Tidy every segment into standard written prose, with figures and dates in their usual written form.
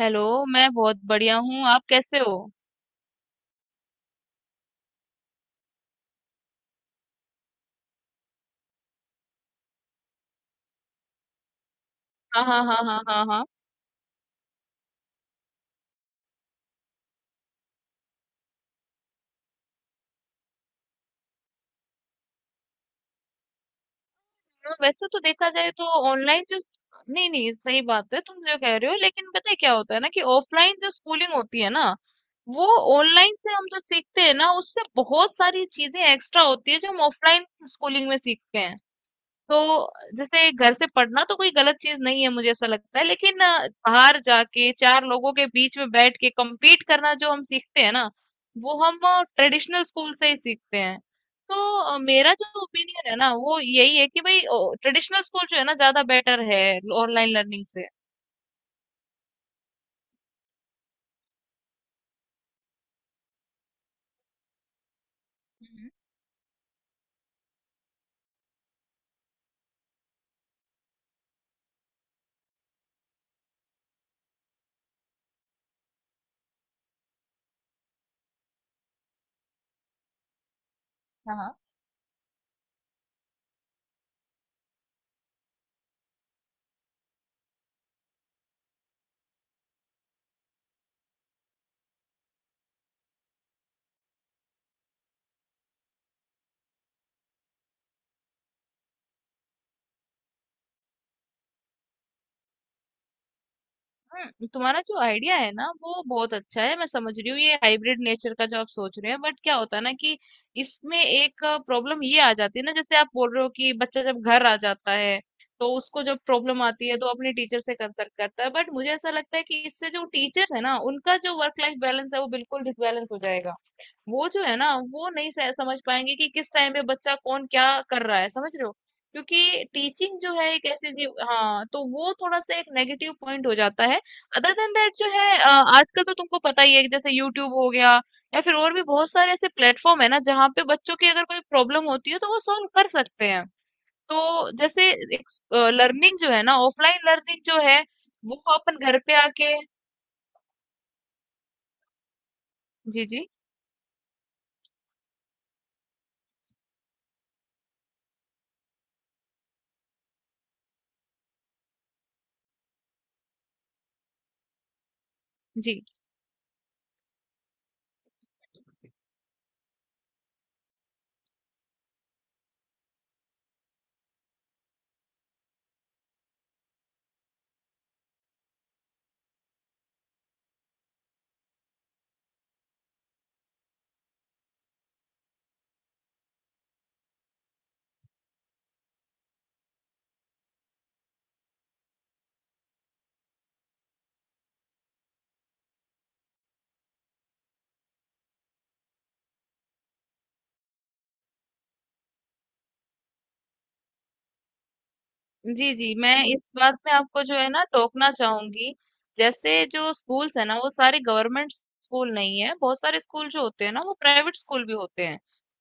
Hello. मैं बहुत बढ़िया हूँ, आप कैसे हो? हाँ, हाँ, हाँ, हाँ, हाँ, हाँ, हाँ। वैसे तो देखा जाए तो ऑनलाइन जो नहीं, नहीं, सही बात है तुम जो कह रहे हो, लेकिन पता है क्या होता है ना कि ऑफलाइन जो स्कूलिंग होती है ना वो ऑनलाइन से हम जो सीखते हैं ना उससे बहुत सारी चीजें एक्स्ट्रा होती है जो हम ऑफलाइन स्कूलिंग में सीखते हैं। तो जैसे घर से पढ़ना तो कोई गलत चीज नहीं है, मुझे ऐसा लगता है, लेकिन बाहर जाके चार लोगों के बीच में बैठ के compete करना जो हम सीखते हैं ना वो हम ट्रेडिशनल स्कूल से ही सीखते हैं। तो मेरा जो ओपिनियन है ना वो यही है कि भाई ट्रेडिशनल स्कूल जो है ना ज्यादा बेटर है ऑनलाइन लर्निंग से। हम्म। हाँ, हाँ। तुम्हारा जो आइडिया है ना वो बहुत अच्छा है, मैं समझ रही हूँ ये हाइब्रिड नेचर का जो आप सोच रहे हैं, बट क्या होता है ना कि इसमें एक प्रॉब्लम ये आ जाती है ना। जैसे आप बोल रहे हो कि बच्चा जब घर आ जाता है तो उसको जब प्रॉब्लम आती है तो अपने टीचर से कंसल्ट करता है, बट मुझे ऐसा लगता है कि इससे जो टीचर्स है ना उनका जो वर्क लाइफ बैलेंस है वो बिल्कुल डिसबैलेंस हो जाएगा। वो जो है ना वो नहीं समझ पाएंगे कि किस टाइम पे बच्चा कौन क्या कर रहा है, समझ रहे हो? क्योंकि टीचिंग जो है एक ऐसी चीज। हाँ, तो वो थोड़ा सा एक नेगेटिव पॉइंट हो जाता है। अदर देन दैट जो है आजकल तो तुमको पता ही है कि जैसे यूट्यूब हो गया या फिर और भी बहुत सारे ऐसे प्लेटफॉर्म है ना जहाँ पे बच्चों की अगर कोई प्रॉब्लम होती है तो वो सॉल्व कर सकते हैं। तो जैसे एक लर्निंग जो है ना ऑफलाइन लर्निंग जो है वो अपन घर पे आके। जी, जी, जी। जी, जी। मैं इस बात में आपको जो है ना टोकना चाहूँगी। जैसे जो स्कूल्स हैं ना वो सारे गवर्नमेंट स्कूल नहीं है, बहुत सारे स्कूल जो होते हैं ना वो प्राइवेट स्कूल भी होते हैं।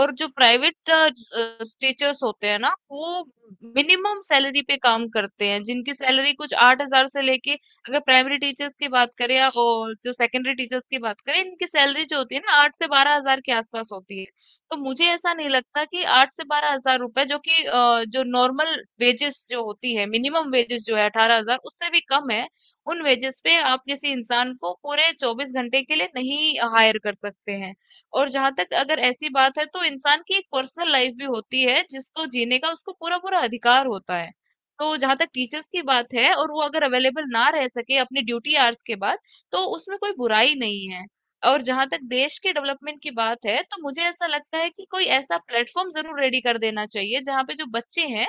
और जो प्राइवेट टीचर्स होते हैं ना वो मिनिमम सैलरी पे काम करते हैं, जिनकी सैलरी कुछ 8,000 से लेके अगर प्राइमरी टीचर्स की बात करें या और जो सेकेंडरी टीचर्स की बात करें, इनकी सैलरी जो होती है ना 8 से 12,000 के आस-पास होती है। तो मुझे ऐसा नहीं लगता कि 8 से ₹12,000 जो कि जो नॉर्मल वेजेस जो होती है, मिनिमम वेजेस जो है 18,000 उससे भी कम है। उन वेजेस पे आप किसी इंसान को पूरे 24 घंटे के लिए नहीं हायर कर सकते हैं। और जहाँ तक अगर ऐसी बात है तो इंसान की एक पर्सनल लाइफ भी होती है जिसको जीने का उसको पूरा-पूरा अधिकार होता है। तो जहाँ तक टीचर्स की बात है और वो अगर अवेलेबल ना रह सके अपनी ड्यूटी आवर्स के बाद, तो उसमें कोई बुराई नहीं है। और जहां तक देश के डेवलपमेंट की बात है तो मुझे ऐसा लगता है कि कोई ऐसा प्लेटफॉर्म जरूर रेडी कर देना चाहिए जहां पे जो बच्चे हैं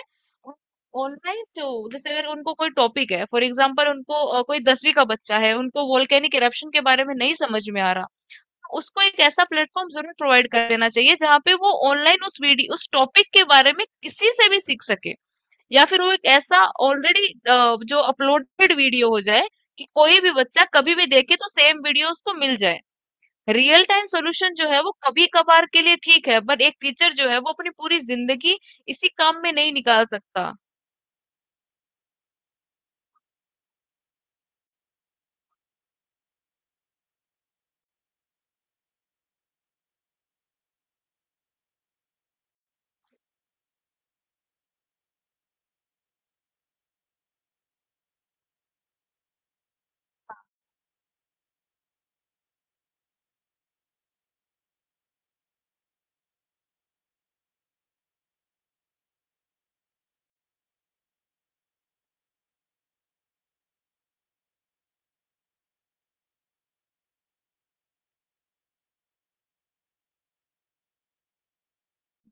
ऑनलाइन जो जैसे अगर उनको कोई टॉपिक है, फॉर एग्जांपल उनको कोई दसवीं का बच्चा है उनको वोल्केनिक इरप्शन के बारे में नहीं समझ में आ रहा। उसको एक ऐसा प्लेटफॉर्म जरूर प्रोवाइड कर देना चाहिए जहाँ पे वो ऑनलाइन उस वीडियो उस टॉपिक के बारे में किसी से भी सीख सके या फिर वो एक ऐसा ऑलरेडी जो अपलोडेड वीडियो हो जाए कि कोई भी बच्चा कभी भी देखे तो सेम वीडियो उसको मिल जाए। रियल टाइम सॉल्यूशन जो है वो कभी कभार के लिए ठीक है, पर एक टीचर जो है वो अपनी पूरी जिंदगी इसी काम में नहीं निकाल सकता।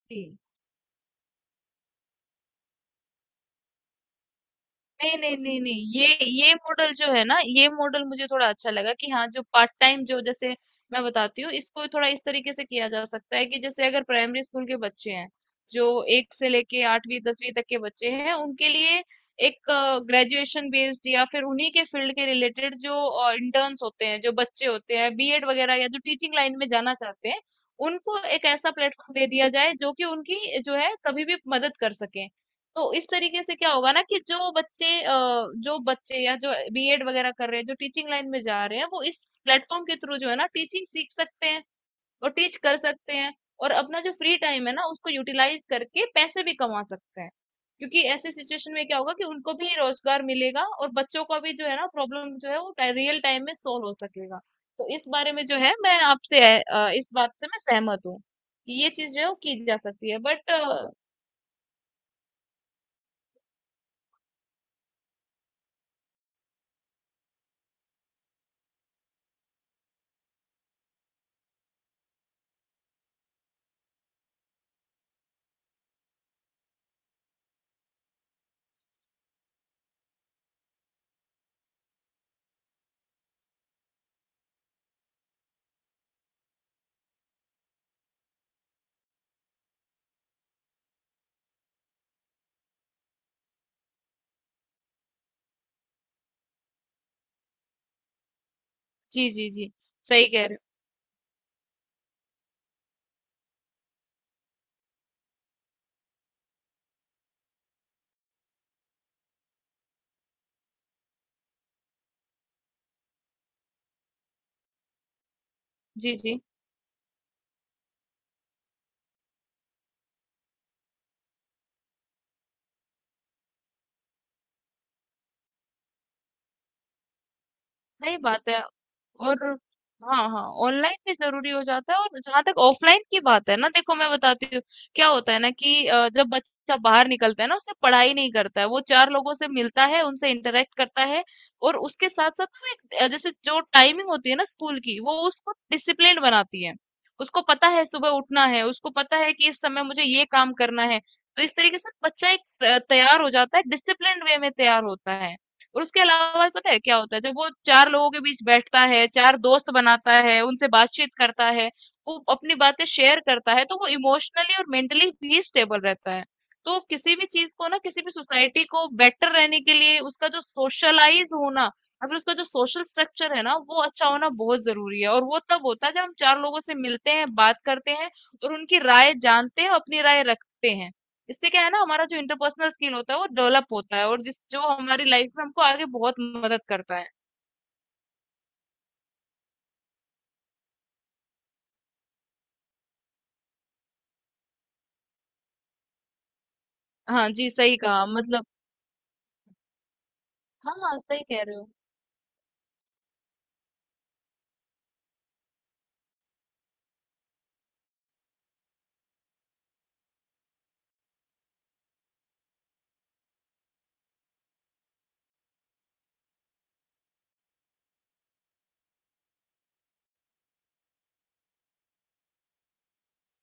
जी। नहीं, नहीं, नहीं, नहीं, ये मॉडल जो है ना ये मॉडल मुझे थोड़ा अच्छा लगा कि हाँ जो पार्ट टाइम जो जैसे मैं बताती हूँ इसको थोड़ा इस तरीके से किया जा सकता है कि जैसे अगर प्राइमरी स्कूल के बच्चे हैं, जो एक से लेके आठवीं दसवीं तक के बच्चे हैं उनके लिए एक ग्रेजुएशन बेस्ड या फिर उन्हीं के फील्ड के रिलेटेड जो इंटर्न्स होते हैं जो बच्चे होते हैं बीएड वगैरह या जो टीचिंग लाइन में जाना चाहते हैं उनको एक ऐसा प्लेटफॉर्म दे दिया जाए जो कि उनकी जो है कभी भी मदद कर सके। तो इस तरीके से क्या होगा ना कि जो बच्चे या जो बीएड वगैरह कर रहे हैं जो टीचिंग लाइन में जा रहे हैं वो इस प्लेटफॉर्म के थ्रू जो है ना टीचिंग सीख सकते हैं और टीच कर सकते हैं और अपना जो फ्री टाइम है ना उसको यूटिलाइज करके पैसे भी कमा सकते हैं। क्योंकि ऐसे सिचुएशन में क्या होगा कि उनको भी रोजगार मिलेगा और बच्चों का भी जो है ना प्रॉब्लम जो है वो रियल टाइम में सॉल्व हो सकेगा। तो इस बारे में जो है मैं आपसे इस बात से मैं सहमत हूँ कि ये चीज जो है वो की जा सकती है, बट जी, जी, जी। सही कह रहे हो जी, जी। सही बात है। और हाँ, हाँ, ऑनलाइन भी ज़रूरी हो जाता है, और जहाँ तक ऑफलाइन की बात है ना, देखो मैं बताती हूँ, क्या होता है ना कि जब बच्चा बाहर निकलता है ना, उससे पढ़ाई नहीं करता है, वो 4 लोगों से मिलता है, उनसे इंटरैक्ट करता है, और उसके साथ-साथ ना एक जैसे जो टाइमिंग होती है ना स्कूल की, वो उसको डिसिप्लिन्ड बनाती है। उसको पता है सुबह उठना है, उसको पता है कि इस समय मुझे ये काम करना है, तो इस तरीके से बच्चा एक तैयार हो जाता है, डिसिप्लिन्ड वे में तैयार होता है। और उसके अलावा पता है क्या होता है जब वो चार लोगों के बीच बैठता है चार दोस्त बनाता है उनसे बातचीत करता है वो अपनी बातें शेयर करता है तो वो इमोशनली और मेंटली भी स्टेबल रहता है। तो किसी भी चीज को ना किसी भी सोसाइटी को बेटर रहने के लिए उसका जो सोशलाइज होना या फिर उसका जो सोशल स्ट्रक्चर है ना वो अच्छा होना बहुत जरूरी है, और वो तब होता है जब हम चार लोगों से मिलते हैं बात करते हैं और उनकी राय जानते हैं अपनी राय रखते हैं। इससे क्या है ना हमारा जो इंटरपर्सनल स्किल होता है वो डेवलप होता है और जिस जो हमारी लाइफ में हमको आगे बहुत मदद करता है। हाँ जी, सही कहा। मतलब हाँ हाँ सही कह रहे हो।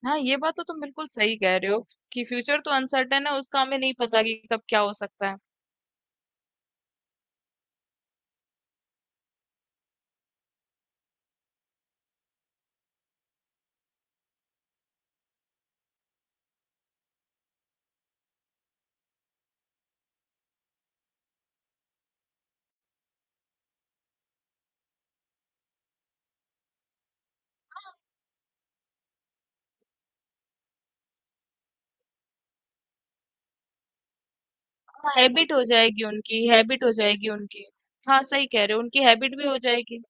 हाँ, ये बात तो तुम बिल्कुल सही कह रहे हो कि फ्यूचर तो अनसर्टेन है, उसका हमें नहीं पता कि कब क्या हो सकता है। हाँ हैबिट हो जाएगी उनकी, हैबिट हो जाएगी उनकी। हाँ सही कह रहे हो, उनकी हैबिट भी हो जाएगी।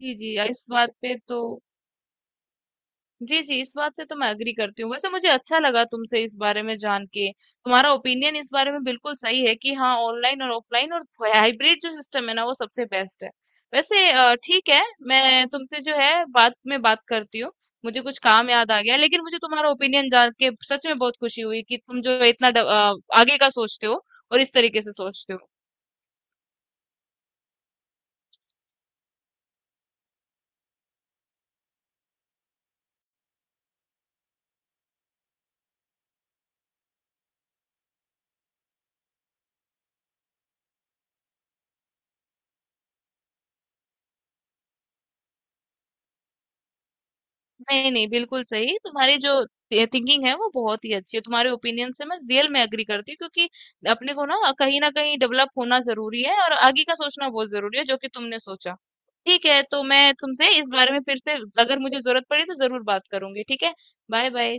जी जी, इस बात पे तो जी, जी, इस बात से तो मैं एग्री करती हूँ। वैसे मुझे अच्छा लगा तुमसे इस बारे में जान के। तुम्हारा ओपिनियन इस बारे में बिल्कुल सही है कि हाँ, ऑनलाइन और ऑफलाइन और हाइब्रिड जो सिस्टम है ना, वो सबसे बेस्ट है। वैसे ठीक है, मैं तुमसे जो है बाद में बात करती हूँ। मुझे कुछ काम याद आ गया, लेकिन मुझे तुम्हारा ओपिनियन जान के सच में बहुत खुशी हुई कि तुम जो है इतना आगे का सोचते हो और इस तरीके से सोचते हो। नहीं नहीं बिल्कुल सही, तुम्हारी जो थिंकिंग है वो बहुत ही अच्छी है, तुम्हारे ओपिनियन से मैं रियल में एग्री करती हूँ क्योंकि अपने को ना कहीं डेवलप होना जरूरी है और आगे का सोचना बहुत जरूरी है जो कि तुमने सोचा। ठीक है, तो मैं तुमसे इस बारे में फिर से अगर मुझे जरूरत पड़ी तो जरूर बात करूंगी, ठीक है? Bye bye.